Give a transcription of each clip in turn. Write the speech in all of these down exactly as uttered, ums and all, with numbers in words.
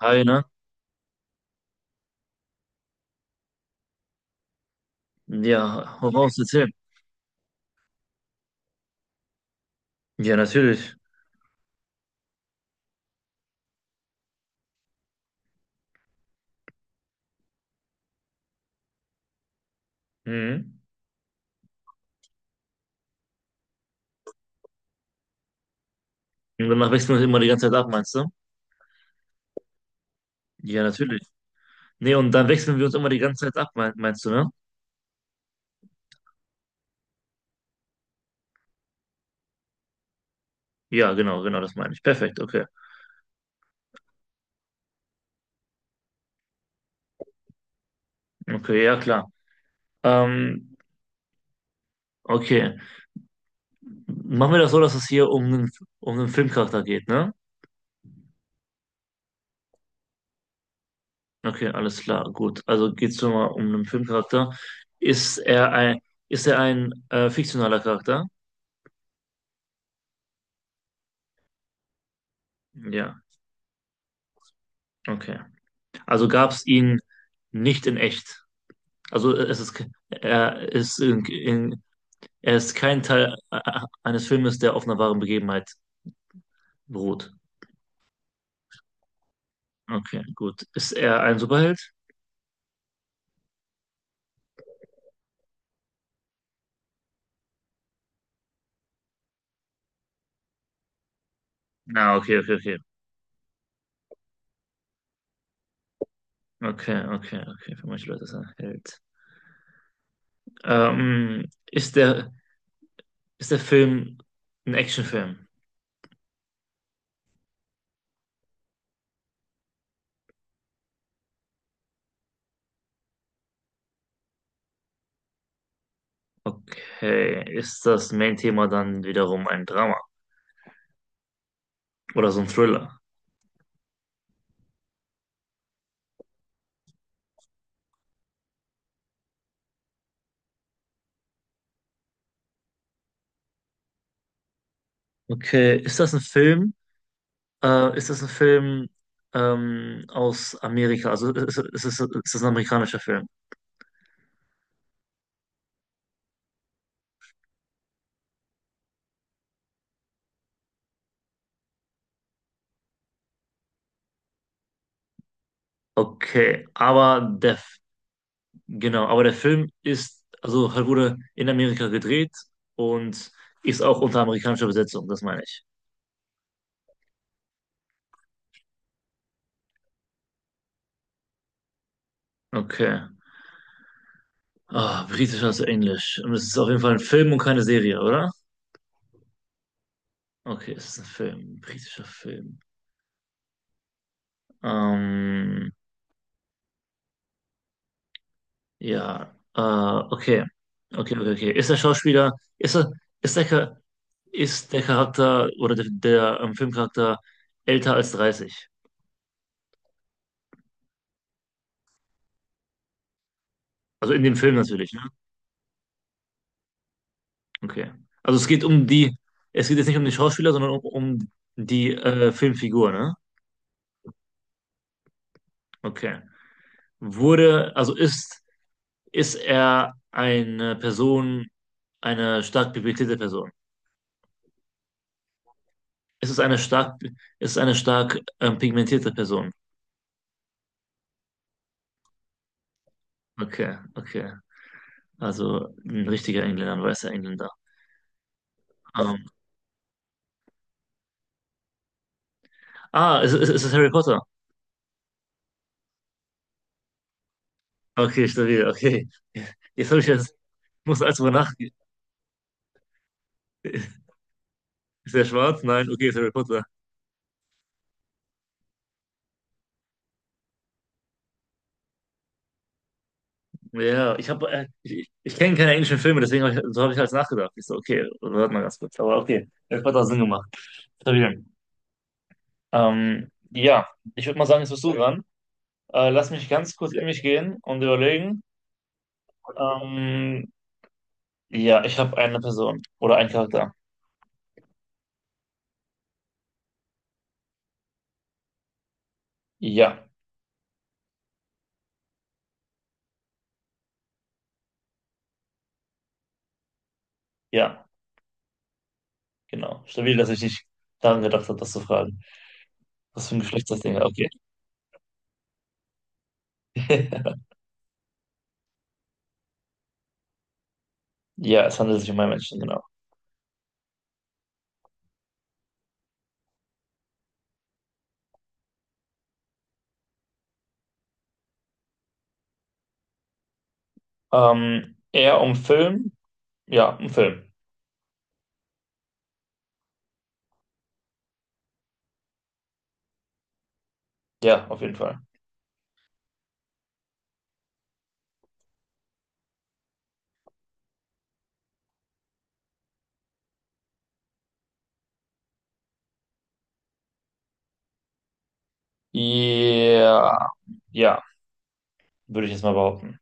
Hi, ne? Ja, hau raus, erzähl. Ja, natürlich. Mhm. Und danach wechseln wir uns immer die ganze Zeit ab, meinst du? Ja, natürlich. Nee, und dann wechseln wir uns immer die ganze Zeit ab, mein, meinst du, ne? Ja, genau, genau, das meine ich. Perfekt, okay. Okay, ja, klar. Ähm, okay. Machen wir das so, dass es hier um einen, um einen Filmcharakter geht, ne? Okay, alles klar, gut. Also geht es schon mal um einen Filmcharakter. Ist er ein, ist er ein äh, fiktionaler Charakter? Ja, okay. Also gab es ihn nicht in echt. Also äh, es ist, ke- er ist in, in, er ist kein Teil äh, äh, eines Filmes, der auf einer wahren Begebenheit beruht. Okay, gut. Ist er ein Superheld? Na, okay, okay, okay. Okay, okay, okay. Für manche Leute ist er ein Held. Ähm, ist der, ist der Film ein Actionfilm? Okay. Ist das Main-Thema dann wiederum ein Drama oder so ein Thriller? Okay. Ist das ein Film? Äh, ist das ein Film ähm, aus Amerika? Also ist, ist, ist, ist das ein amerikanischer Film? Okay, aber der, F- genau, aber der Film ist, also halt wurde in Amerika gedreht und ist auch unter amerikanischer Besetzung, das meine ich. Okay. Ah, britisch als Englisch. Und es ist auf jeden Fall ein Film und keine Serie, oder? Okay, es ist ein Film, ein britischer Film. Ähm, ja, äh, okay. Okay, okay, okay. Ist der Schauspieler, ist er, ist der, Cha- ist der Charakter oder der, der ähm, Filmcharakter älter als dreißig? Also in dem Film natürlich, ne? Okay. Also es geht um die, es geht jetzt nicht um den Schauspieler, sondern um, um die äh, Filmfigur, ne? Okay. Wurde, also ist, ist er eine Person, eine stark pigmentierte Person? Ist es eine stark, ist es eine stark ähm, pigmentierte Person? Okay, okay. Also ein richtiger Engländer, ein weißer Engländer. Ähm, ah, ist, ist, ist es Harry Potter? Okay, stabil, okay. Jetzt habe ich jetzt, muss alles drüber nachdenken. Ist er schwarz? Nein, okay, ist Harry Potter. Ja, ich habe, äh, ich, ich kenne keine englischen Filme, deswegen hab ich, so habe ich halt nachgedacht. Ich so, okay, warte mal ganz kurz. Aber okay, das hat auch Sinn gemacht. Stabil. Ähm, ja, ich würde mal sagen, jetzt bist du dran. Äh, lass mich ganz kurz in mich gehen und überlegen. Ähm, ja, ich habe eine Person oder einen Charakter. Ja, ja, genau. Stabil, dass ich nicht daran gedacht habe, das zu fragen. Was für ein Geschlecht das Ding hat. Okay. Ja, es handelt sich um einen Menschen, genau. Ähm, eher um Film? Ja, um Film. Ja, auf jeden Fall. Ja, ja, würde ich jetzt mal behaupten.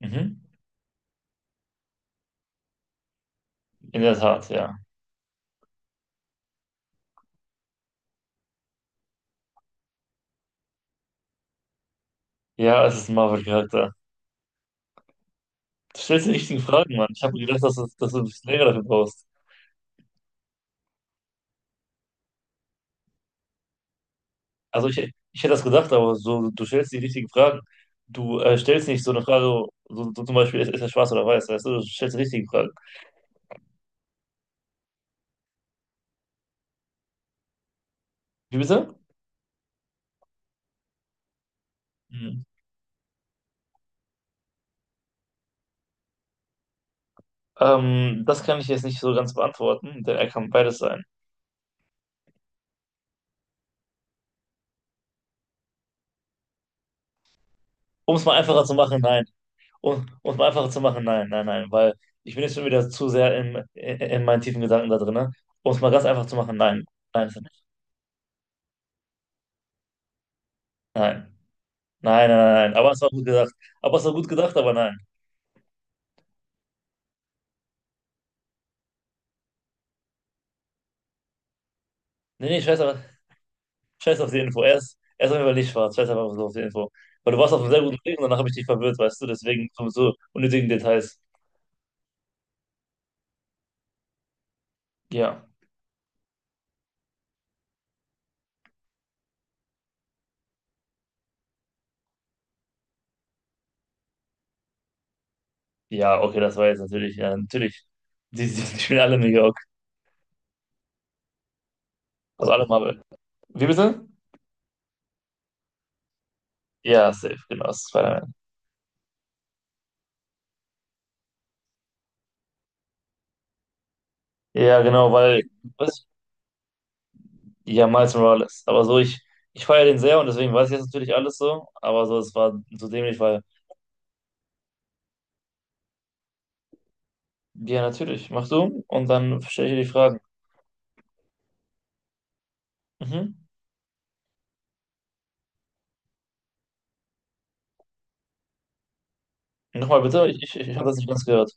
Mhm. In der Tat, ja. Ja, es ist ein Marvel-Charakter. Du stellst die richtigen Fragen, Mann. Ich habe gedacht, dass, du- dass du ein bisschen länger dafür brauchst. Also ich, ich hätte das gedacht, aber so, du stellst die richtigen Fragen. Du äh, stellst nicht so eine Frage, so, so zum Beispiel, ist, ist er schwarz oder weiß, weißt du? Du stellst die richtigen Fragen. Wie bitte? Hm. Ähm, das kann ich jetzt nicht so ganz beantworten, denn er kann beides sein. Um es mal einfacher zu machen, nein. Um um es mal einfacher zu machen, nein, nein, nein, weil ich bin jetzt schon wieder zu sehr in, in, in meinen tiefen Gedanken da drin, ne? Um es mal ganz einfach zu machen, nein, nein, ist er nicht. Nein, nein, nein, nein, nein, aber es war gut gedacht. Aber es war gut gedacht, aber nein. Nee, nee, scheiß, auf- scheiß auf die Info. Erst, erst auf jeden Fall nicht schwarz, scheiß einfach so auf die Info. Weil du warst auf einem sehr guten Weg und danach habe ich dich verwirrt, weißt du, deswegen so so unnötigen Details. Ja, ja, okay, das war jetzt natürlich, ja, natürlich. Die, die, die spielen alle in New York, also alle Marvel. Wie bitte? Ja, safe, genau, Spider-Man. Ja, genau, weil, was Ja, Miles Morales. Aber so, ich, ich feiere den sehr und deswegen weiß ich jetzt natürlich alles so. Aber so, es war so dämlich, weil, ja, natürlich, mach du und dann stelle ich dir die Fragen. Mhm. Nochmal bitte, ich, ich, ich habe das nicht ganz gehört.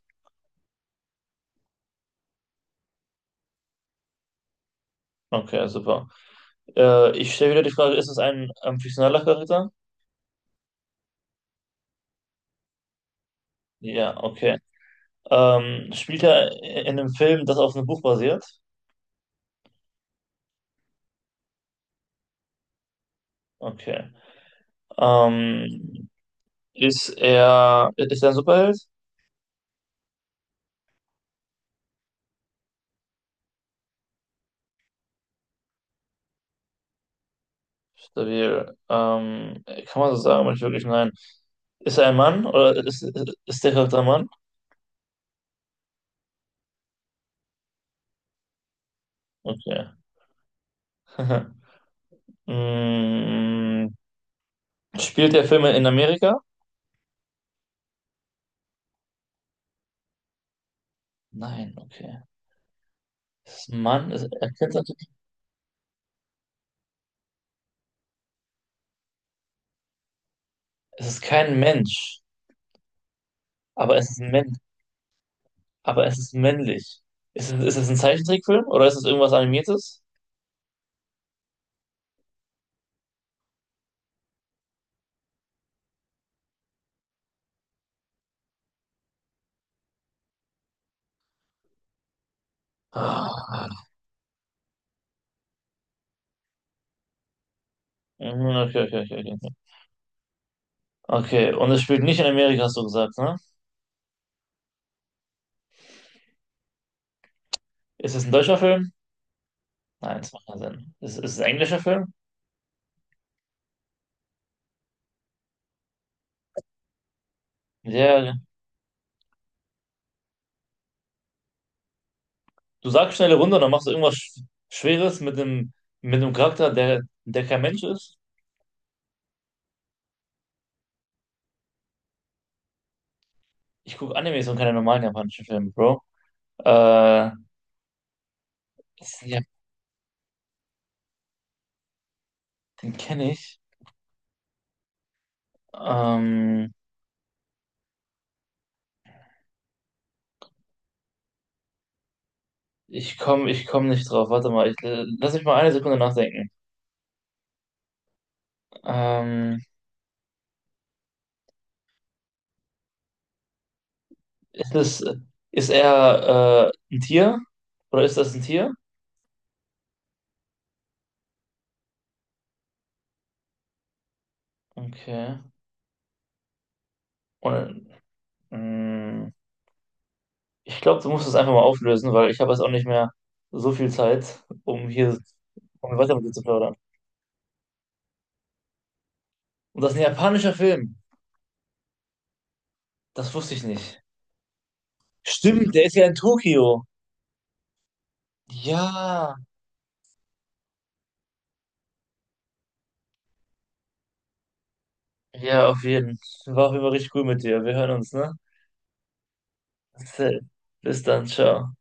Okay, super. Äh, ich stelle wieder die Frage, ist es ein ähm, fiktionaler Charakter? Ja, okay. Ähm, spielt er in einem Film, das auf einem Buch basiert? Okay. Ähm, ist er, ist er ein Superheld? Stabil. Ähm, kann man so sagen, aber nicht wirklich, nein. Ist er ein Mann oder ist, ist der Charakter ein Mann? Okay. Mm, spielt der Film in Amerika? Nein, okay. Es ist ein Mann, es, er kennt natürlich, es ist kein Mensch, aber es ist männ, aber es ist männlich. Ist es, ist es ein Zeichentrickfilm oder ist es irgendwas Animiertes? Ah, mhm, okay, okay, okay, okay. Okay, okay, und es spielt nicht in Amerika, hast du gesagt, ne? Ist es ein deutscher Film? Nein, das macht keinen Sinn. Ist, ist es ein englischer Film? Ja, ja, du sagst schnelle Runde, dann machst du irgendwas Sch- Schweres mit einem, mit einem Charakter, der, der kein Mensch ist. Ich gucke Animes und keine normalen japanischen Filme, Bro. Äh, das, ja, den kenne ich. Ähm, ich komme ich komm nicht drauf. Warte mal, ich, lass mich mal eine Sekunde nachdenken. Ähm, ist es, ist er äh, ein Tier? Oder ist das ein Tier? Okay. Und, mm, ich glaube, du musst es einfach mal auflösen, weil ich habe jetzt auch nicht mehr so viel Zeit, um hier um weiter mit dir zu plaudern. Und das ist ein japanischer Film. Das wusste ich nicht. Stimmt, der ist ja in Tokio. Ja, ja, auf jeden Fall. War auf jeden Fall richtig cool mit dir. Wir hören uns, ne? Bis dann, ciao.